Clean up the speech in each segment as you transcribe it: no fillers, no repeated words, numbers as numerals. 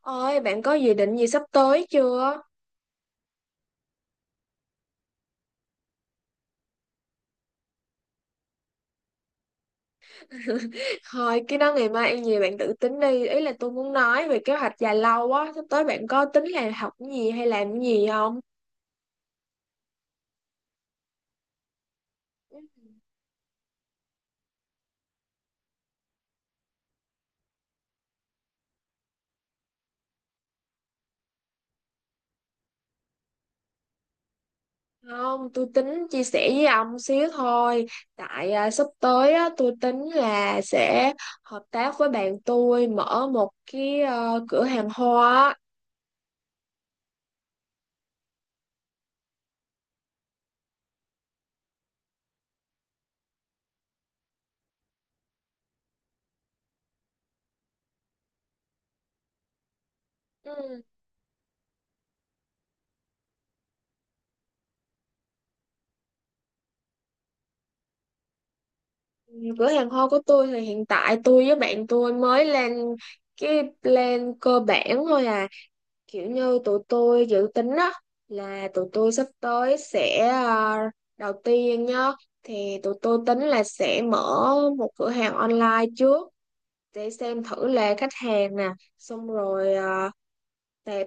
Ôi, bạn có dự định gì sắp tới chưa? Thôi, cái đó ngày mai ăn gì bạn tự tính đi. Ý là tôi muốn nói về kế hoạch dài lâu á. Sắp tới bạn có tính là học cái gì hay làm cái gì không? Không, tôi tính chia sẻ với ông xíu thôi. Tại sắp tới á, tôi tính là sẽ hợp tác với bạn tôi mở một cái cửa hàng hoa á. Ừ. Cửa hàng hoa của tôi thì hiện tại tôi với bạn tôi mới lên cái plan cơ bản thôi à. Kiểu như tụi tôi dự tính á, là tụi tôi sắp tới sẽ đầu tiên nhá, thì tụi tôi tính là sẽ mở một cửa hàng online trước để xem thử là khách hàng nè, xong rồi tệp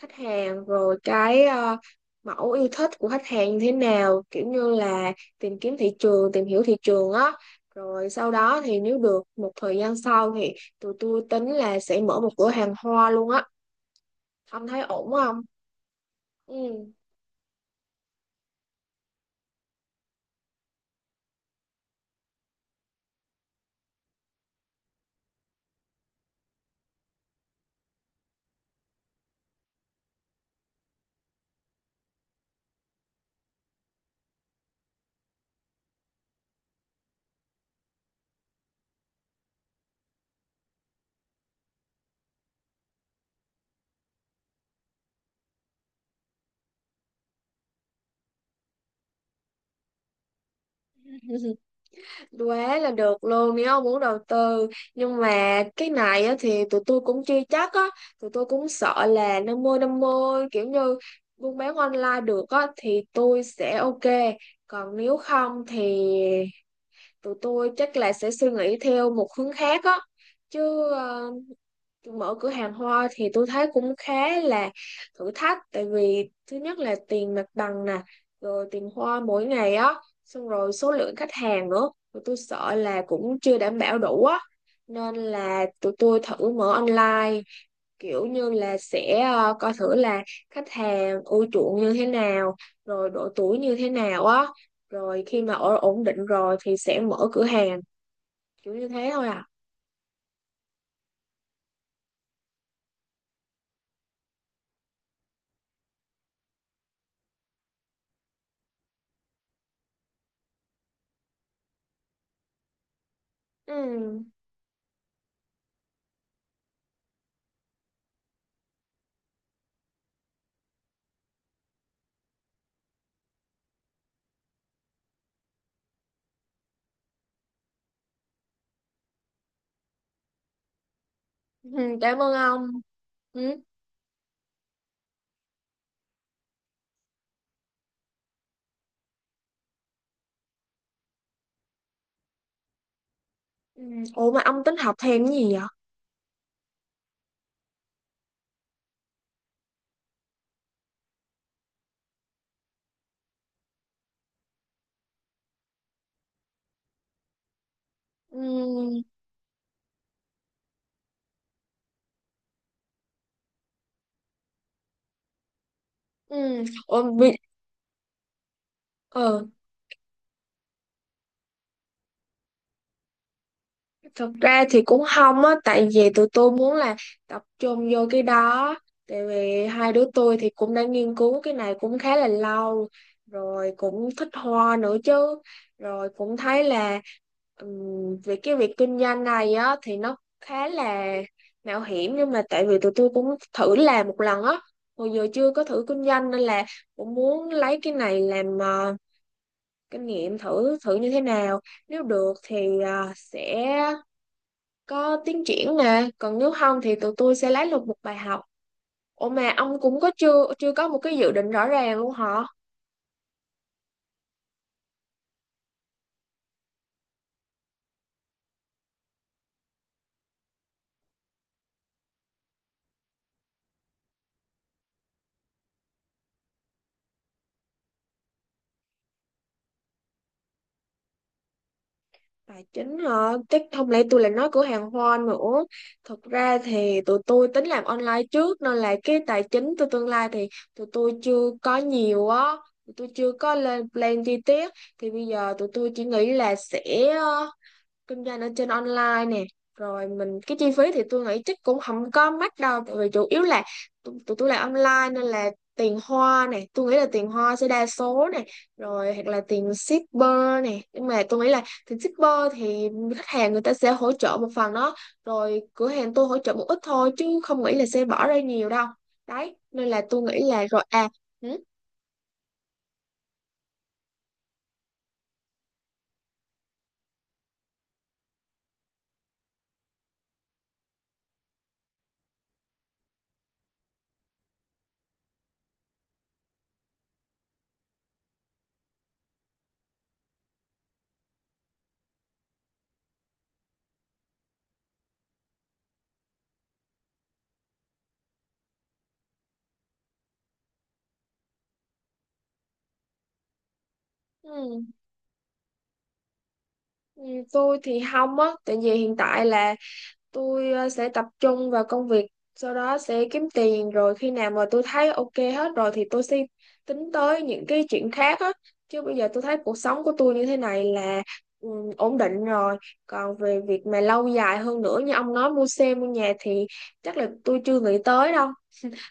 khách hàng, rồi cái mẫu yêu thích của khách hàng như thế nào, kiểu như là tìm kiếm thị trường, tìm hiểu thị trường á. Rồi sau đó thì nếu được một thời gian sau thì tụi tôi tính là sẽ mở một cửa hàng hoa luôn á. Ông thấy ổn không? Ừ. Quá là được luôn nếu ông muốn đầu tư, nhưng mà cái này á, thì tụi tôi cũng chưa chắc á, tụi tôi cũng sợ là 50/50, kiểu như buôn bán online được á thì tôi sẽ ok, còn nếu không thì tụi tôi chắc là sẽ suy nghĩ theo một hướng khác á. Chứ mở cửa hàng hoa thì tôi thấy cũng khá là thử thách, tại vì thứ nhất là tiền mặt bằng nè, rồi tiền hoa mỗi ngày á, xong rồi số lượng khách hàng nữa tụi tôi sợ là cũng chưa đảm bảo đủ á, nên là tụi tôi thử mở online, kiểu như là sẽ coi thử là khách hàng ưa chuộng như thế nào, rồi độ tuổi như thế nào á, rồi khi mà ở ổn định rồi thì sẽ mở cửa hàng, kiểu như thế thôi à. Ừ, ừ, cảm ơn ông. Ừ. Ừ. Ủa mà ông tính học thêm cái gì vậy? Ừ. Ừ. Ủa, ờ, thật ra thì cũng không á, tại vì tụi tôi muốn là tập trung vô cái đó. Tại vì hai đứa tôi thì cũng đã nghiên cứu cái này cũng khá là lâu, rồi cũng thích hoa nữa chứ. Rồi cũng thấy là về cái việc kinh doanh này á thì nó khá là mạo hiểm, nhưng mà tại vì tụi tôi cũng thử làm một lần á, hồi giờ chưa có thử kinh doanh nên là cũng muốn lấy cái này làm kinh nghiệm, thử thử như thế nào, nếu được thì sẽ có tiến triển nè, còn nếu không thì tụi tôi sẽ lấy được một bài học. Ủa mà ông cũng có chưa chưa có một cái dự định rõ ràng luôn hả? Tài chính hả? Chắc không lẽ tôi lại nói cửa hàng hoa nữa. Thật ra thì tụi tôi tính làm online trước nên là cái tài chính tôi tương lai thì tụi tôi chưa có nhiều á, tụi tôi chưa có lên plan chi tiết. Thì bây giờ tụi tôi chỉ nghĩ là sẽ kinh doanh ở trên online nè, rồi mình cái chi phí thì tôi nghĩ chắc cũng không có mắc đâu, tại vì chủ yếu là tụi tụi tôi làm online nên là tiền hoa nè, tôi nghĩ là tiền hoa sẽ đa số nè, rồi hoặc là tiền shipper nè, nhưng mà tôi nghĩ là tiền shipper thì khách hàng người ta sẽ hỗ trợ một phần đó, rồi cửa hàng tôi hỗ trợ một ít thôi, chứ không nghĩ là sẽ bỏ ra nhiều đâu. Đấy, nên là tôi nghĩ là rồi à. Ừ, ừ, ừ, tôi thì không á, tại vì hiện tại là tôi sẽ tập trung vào công việc, sau đó sẽ kiếm tiền, rồi khi nào mà tôi thấy ok hết rồi thì tôi sẽ tính tới những cái chuyện khác á. Chứ bây giờ tôi thấy cuộc sống của tôi như thế này là ừ, ổn định rồi. Còn về việc mà lâu dài hơn nữa như ông nói mua xe mua nhà thì chắc là tôi chưa nghĩ tới đâu.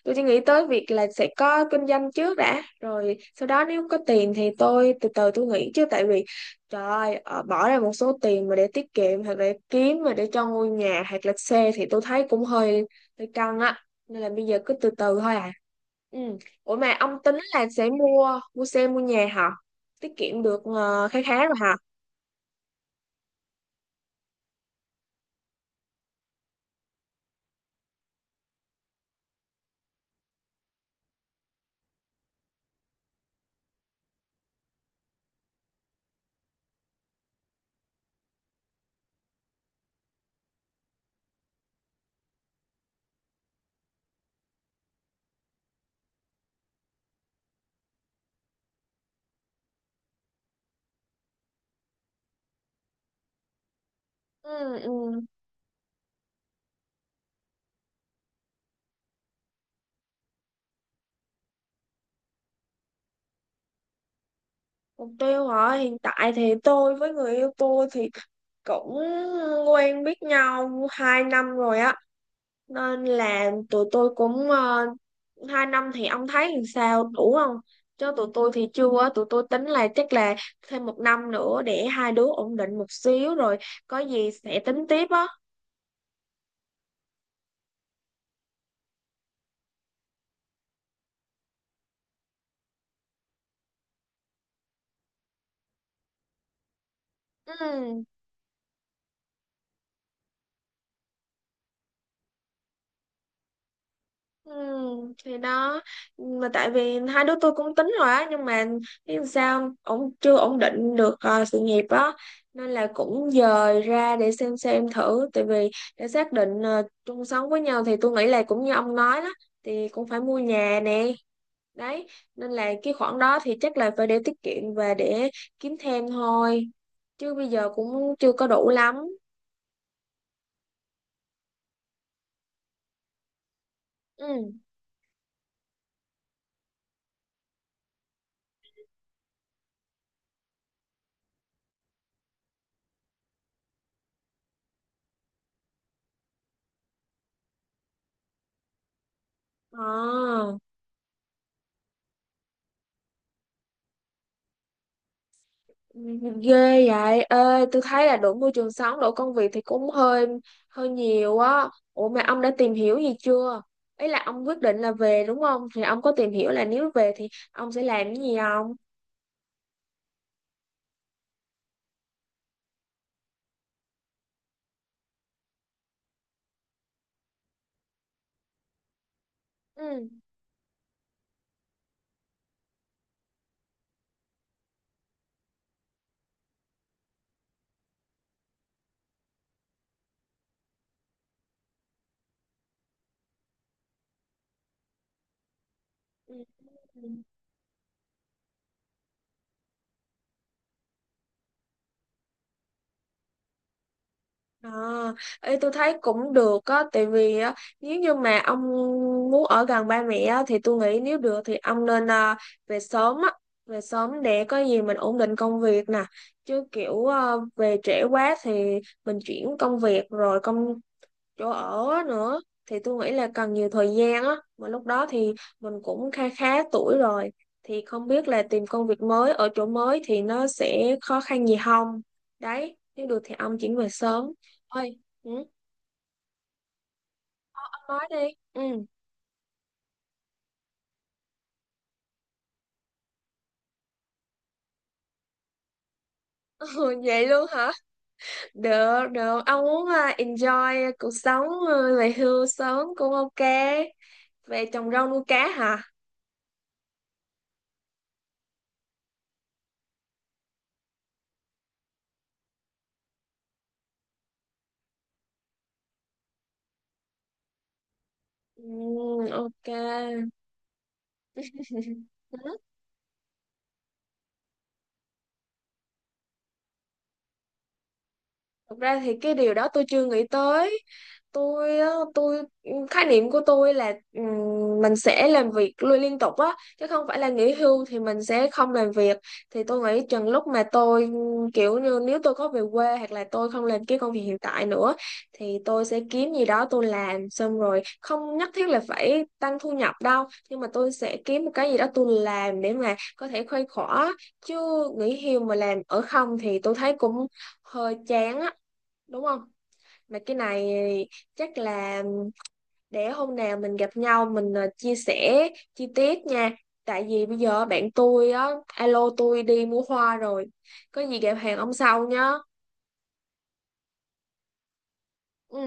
Tôi chỉ nghĩ tới việc là sẽ có kinh doanh trước đã, rồi sau đó nếu có tiền thì tôi từ từ tôi nghĩ, chứ tại vì trời ơi, bỏ ra một số tiền mà để tiết kiệm hoặc để kiếm mà để cho ngôi nhà hoặc là xe thì tôi thấy cũng hơi hơi căng á, nên là bây giờ cứ từ từ thôi à. Ừ. Ủa mà ông tính là sẽ mua mua xe mua nhà hả? Tiết kiệm được khá khá rồi hả? Ừ, ừ. Mục tiêu hả? Hiện tại thì tôi với người yêu tôi thì cũng quen biết nhau 2 năm rồi á. Nên là tụi tôi cũng 2 năm thì ông thấy làm sao đủ không? Chứ tụi tôi thì chưa á, tụi tôi tính là chắc là thêm một năm nữa để hai đứa ổn định một xíu rồi có gì sẽ tính tiếp á. Ừ. Ừ, thì đó, mà tại vì hai đứa tôi cũng tính rồi á, nhưng mà biết làm sao, chưa ổn định được sự nghiệp á, nên là cũng dời ra để xem thử. Tại vì để xác định chung sống với nhau thì tôi nghĩ là cũng như ông nói đó, thì cũng phải mua nhà nè. Đấy, nên là cái khoản đó thì chắc là phải để tiết kiệm và để kiếm thêm thôi, chứ bây giờ cũng chưa có đủ lắm. Ừ. Ờ. Ghê vậy ê, tôi thấy là đổi môi trường sống, đổi công việc thì cũng hơi hơi nhiều á. Ủa mà ông đã tìm hiểu gì chưa? Ý là ông quyết định là về, đúng không, thì ông có tìm hiểu là nếu về thì ông sẽ làm cái gì không? Ừ. Ừ. Ừ. À, ê, tôi thấy cũng được á, tại vì á, nếu như mà ông muốn ở gần ba mẹ á, thì tôi nghĩ nếu được thì ông nên về sớm á, về sớm để có gì mình ổn định công việc nè, chứ kiểu về trễ quá thì mình chuyển công việc rồi chỗ ở á nữa thì tôi nghĩ là cần nhiều thời gian á, mà lúc đó thì mình cũng khá khá tuổi rồi, thì không biết là tìm công việc mới ở chỗ mới thì nó sẽ khó khăn gì không. Đấy, nếu được thì ông chuyển về sớm. Ơi? Ừ, ông nói đi. Ừ. Ừ, vậy luôn hả? Được được, ông muốn enjoy cuộc sống, về hưu sớm cũng ok. Về trồng rau nuôi cá hả? Ừ, ok. Thực ra thì cái điều đó tôi chưa nghĩ tới. Tôi á, tôi ừ, Khái niệm của tôi là mình sẽ làm việc luôn liên tục á, chứ không phải là nghỉ hưu thì mình sẽ không làm việc. Thì tôi nghĩ chừng lúc mà tôi kiểu như nếu tôi có về quê hoặc là tôi không làm cái công việc hiện tại nữa thì tôi sẽ kiếm gì đó tôi làm, xong rồi không nhất thiết là phải tăng thu nhập đâu, nhưng mà tôi sẽ kiếm một cái gì đó tôi làm để mà có thể khuây khỏa. Chứ nghỉ hưu mà làm ở không thì tôi thấy cũng hơi chán á, đúng không? Mà cái này chắc là để hôm nào mình gặp nhau mình chia sẻ chi tiết nha. Tại vì bây giờ bạn tôi á alo tôi đi mua hoa rồi, có gì gặp hàng ông sau nhá. Ừ.